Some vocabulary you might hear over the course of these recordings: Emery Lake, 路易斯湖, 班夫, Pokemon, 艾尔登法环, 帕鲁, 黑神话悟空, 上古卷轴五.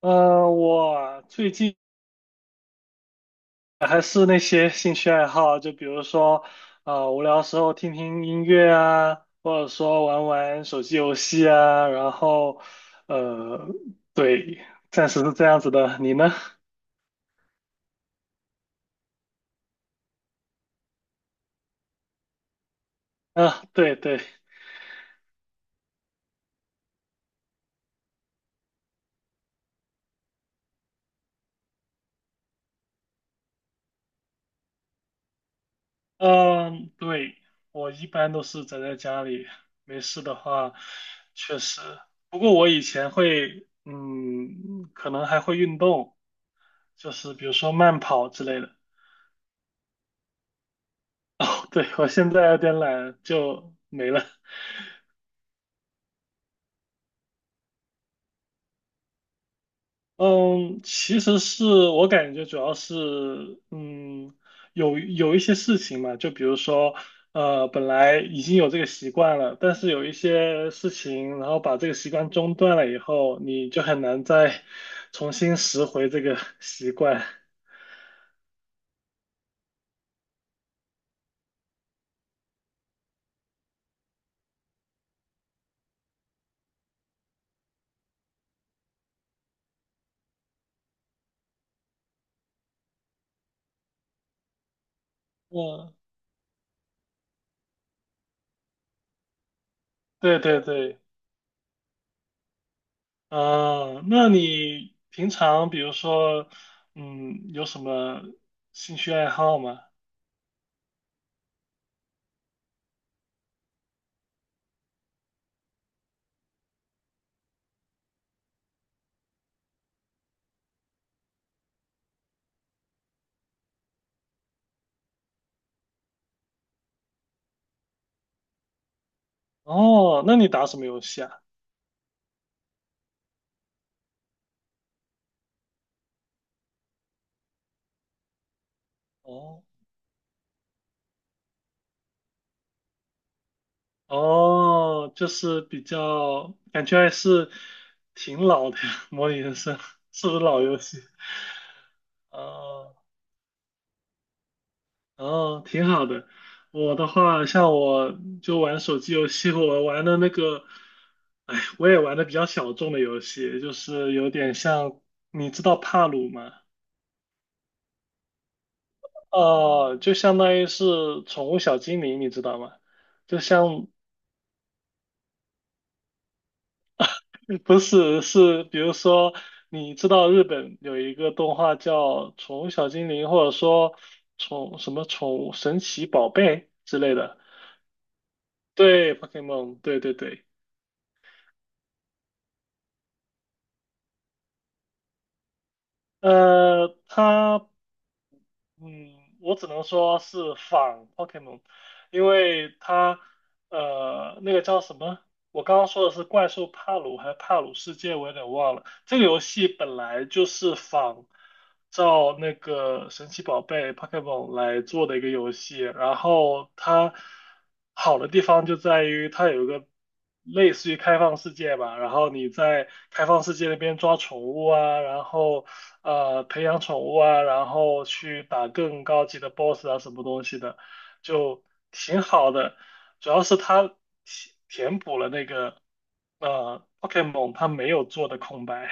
我最近还是那些兴趣爱好，就比如说，无聊时候听听音乐啊，或者说玩玩手机游戏啊，然后，呃，对，暂时是这样子的。你呢？啊，对对，嗯，对，我一般都是宅在家里，没事的话，确实。不过我以前会，可能还会运动，就是比如说慢跑之类的。哦，对，我现在有点懒，就没了。嗯，其实是我感觉主要是，嗯，有一些事情嘛，就比如说，本来已经有这个习惯了，但是有一些事情，然后把这个习惯中断了以后，你就很难再 重新拾回这个 习惯。嗯，对对对，啊，那你平常比如说，有什么兴趣爱好吗？哦，那你打什么游戏啊？哦哦，就是比较感觉还是挺老的呀，《模拟人生》是不是老游戏？哦哦，挺好的。我的话，像我就玩手机游戏，我玩的那个，哎，我也玩的比较小众的游戏，就是有点像，你知道帕鲁吗？哦，就相当于是宠物小精灵，你知道吗？就像 不是，是比如说，你知道日本有一个动画叫《宠物小精灵》，或者说宠什么宠物神奇宝贝之类的。对，Pokemon,对对对，它嗯，我只能说是仿 Pokemon,因为它那个叫什么？我刚刚说的是怪兽帕鲁还是帕鲁世界，我有点忘了。这个游戏本来就是仿照那个神奇宝贝 Pokemon 来做的一个游戏，然后它好的地方就在于它有一个类似于开放世界吧，然后你在开放世界那边抓宠物啊，然后培养宠物啊，然后去打更高级的 BOSS 啊，什么东西的，就挺好的。主要是它填补了那个Pokemon 它没有做的空白。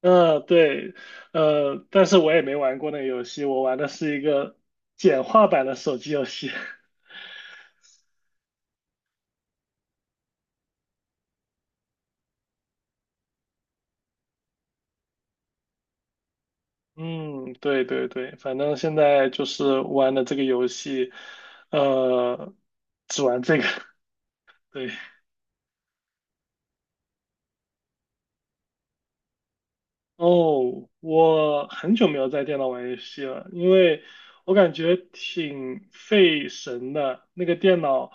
对，但是我也没玩过那个游戏，我玩的是一个简化版的手机游戏。嗯，对对对，反正现在就是玩的这个游戏，呃，只玩这个，对。哦，我很久没有在电脑玩游戏了，因为我感觉挺费神的。那个电脑，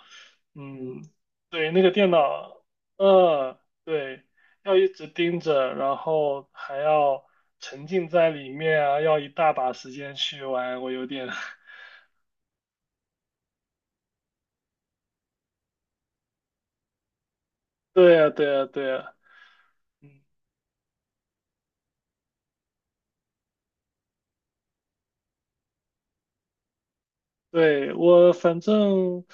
嗯，对，那个电脑，对，要一直盯着，然后还要沉浸在里面啊，要一大把时间去玩，我有点，对呀，对呀，对呀。嗯。对，我反正，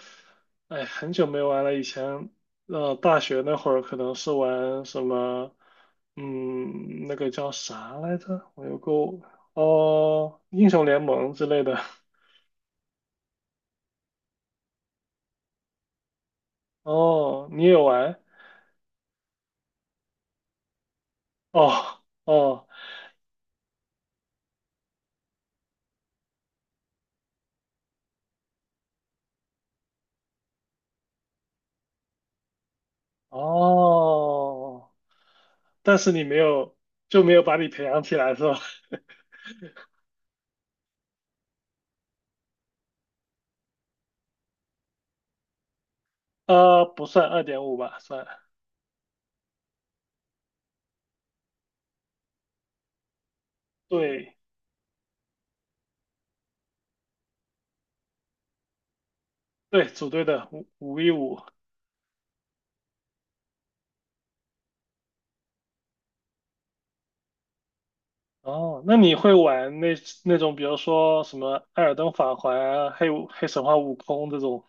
哎，很久没玩了。以前，大学那会儿可能是玩什么，那个叫啥来着？我有个，哦，英雄联盟之类的。哦，你也玩？哦，哦，哦，但是你没有，就没有把你培养起来是吧？不算2.5吧，算。对，对，组队的五 v 五。哦，那你会玩那那种，比如说什么《艾尔登法环》啊黑神话悟空》这种？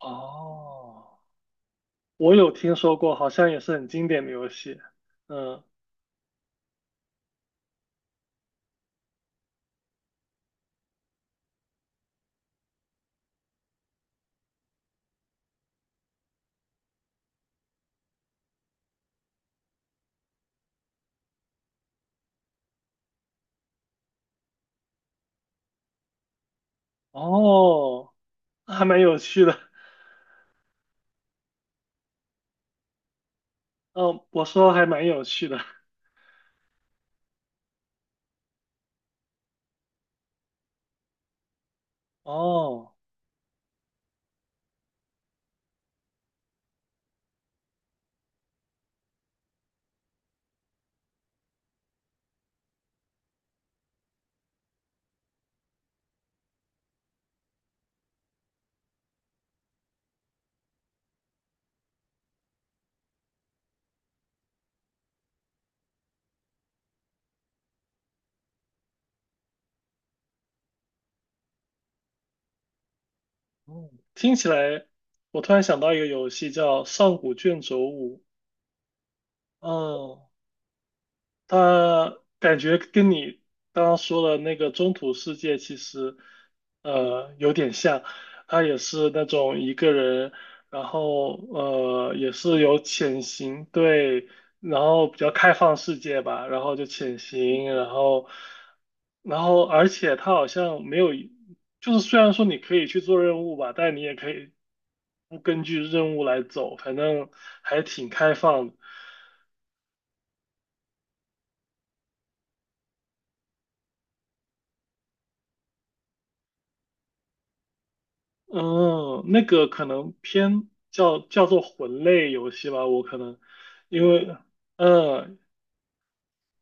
哦，我有听说过，好像也是很经典的游戏。嗯，哦，还蛮有趣的。嗯，我说还蛮有趣的。哦，嗯，听起来，我突然想到一个游戏叫《上古卷轴五》。嗯，他感觉跟你刚刚说的那个中土世界其实，有点像，他也是那种一个人，然后也是有潜行，对，然后比较开放世界吧，然后就潜行，然后而且他好像没有，就是虽然说你可以去做任务吧，但你也可以不根据任务来走，反正还挺开放的嗯，那个可能偏叫做魂类游戏吧，我可能因为嗯，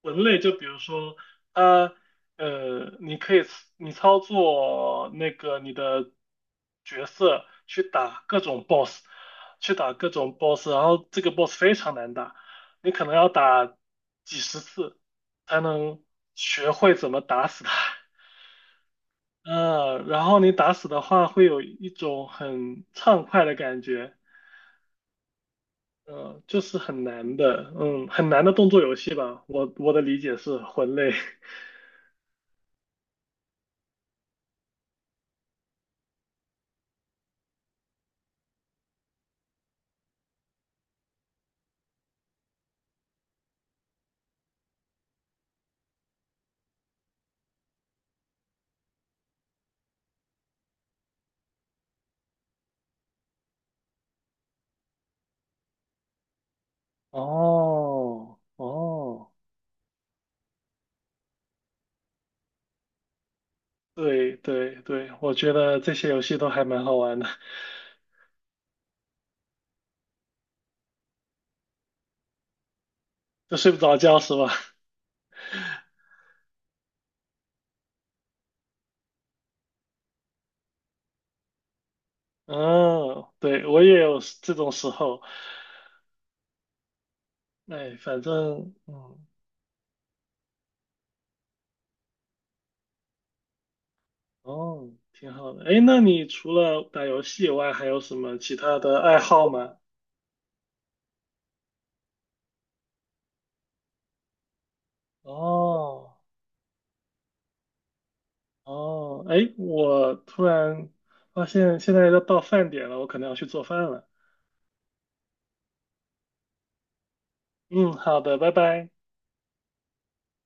魂类就比如说啊你可以你操作那个你的角色去打各种 boss,去打各种 boss,然后这个 boss 非常难打，你可能要打几十次才能学会怎么打死它。嗯，然后你打死的话，会有一种很畅快的感觉，嗯，就是很难的，嗯，很难的动作游戏吧。我的理解是魂类，哦哦，对对对，我觉得这些游戏都还蛮好玩的，就睡不着觉是吧？嗯，对，我也有这种时候，哎，反正嗯哦，挺好的。哎，那你除了打游戏以外，还有什么其他的爱好吗？哦。哦，哎，我突然发现现在要到饭点了，我可能要去做饭了。嗯，好的，拜拜。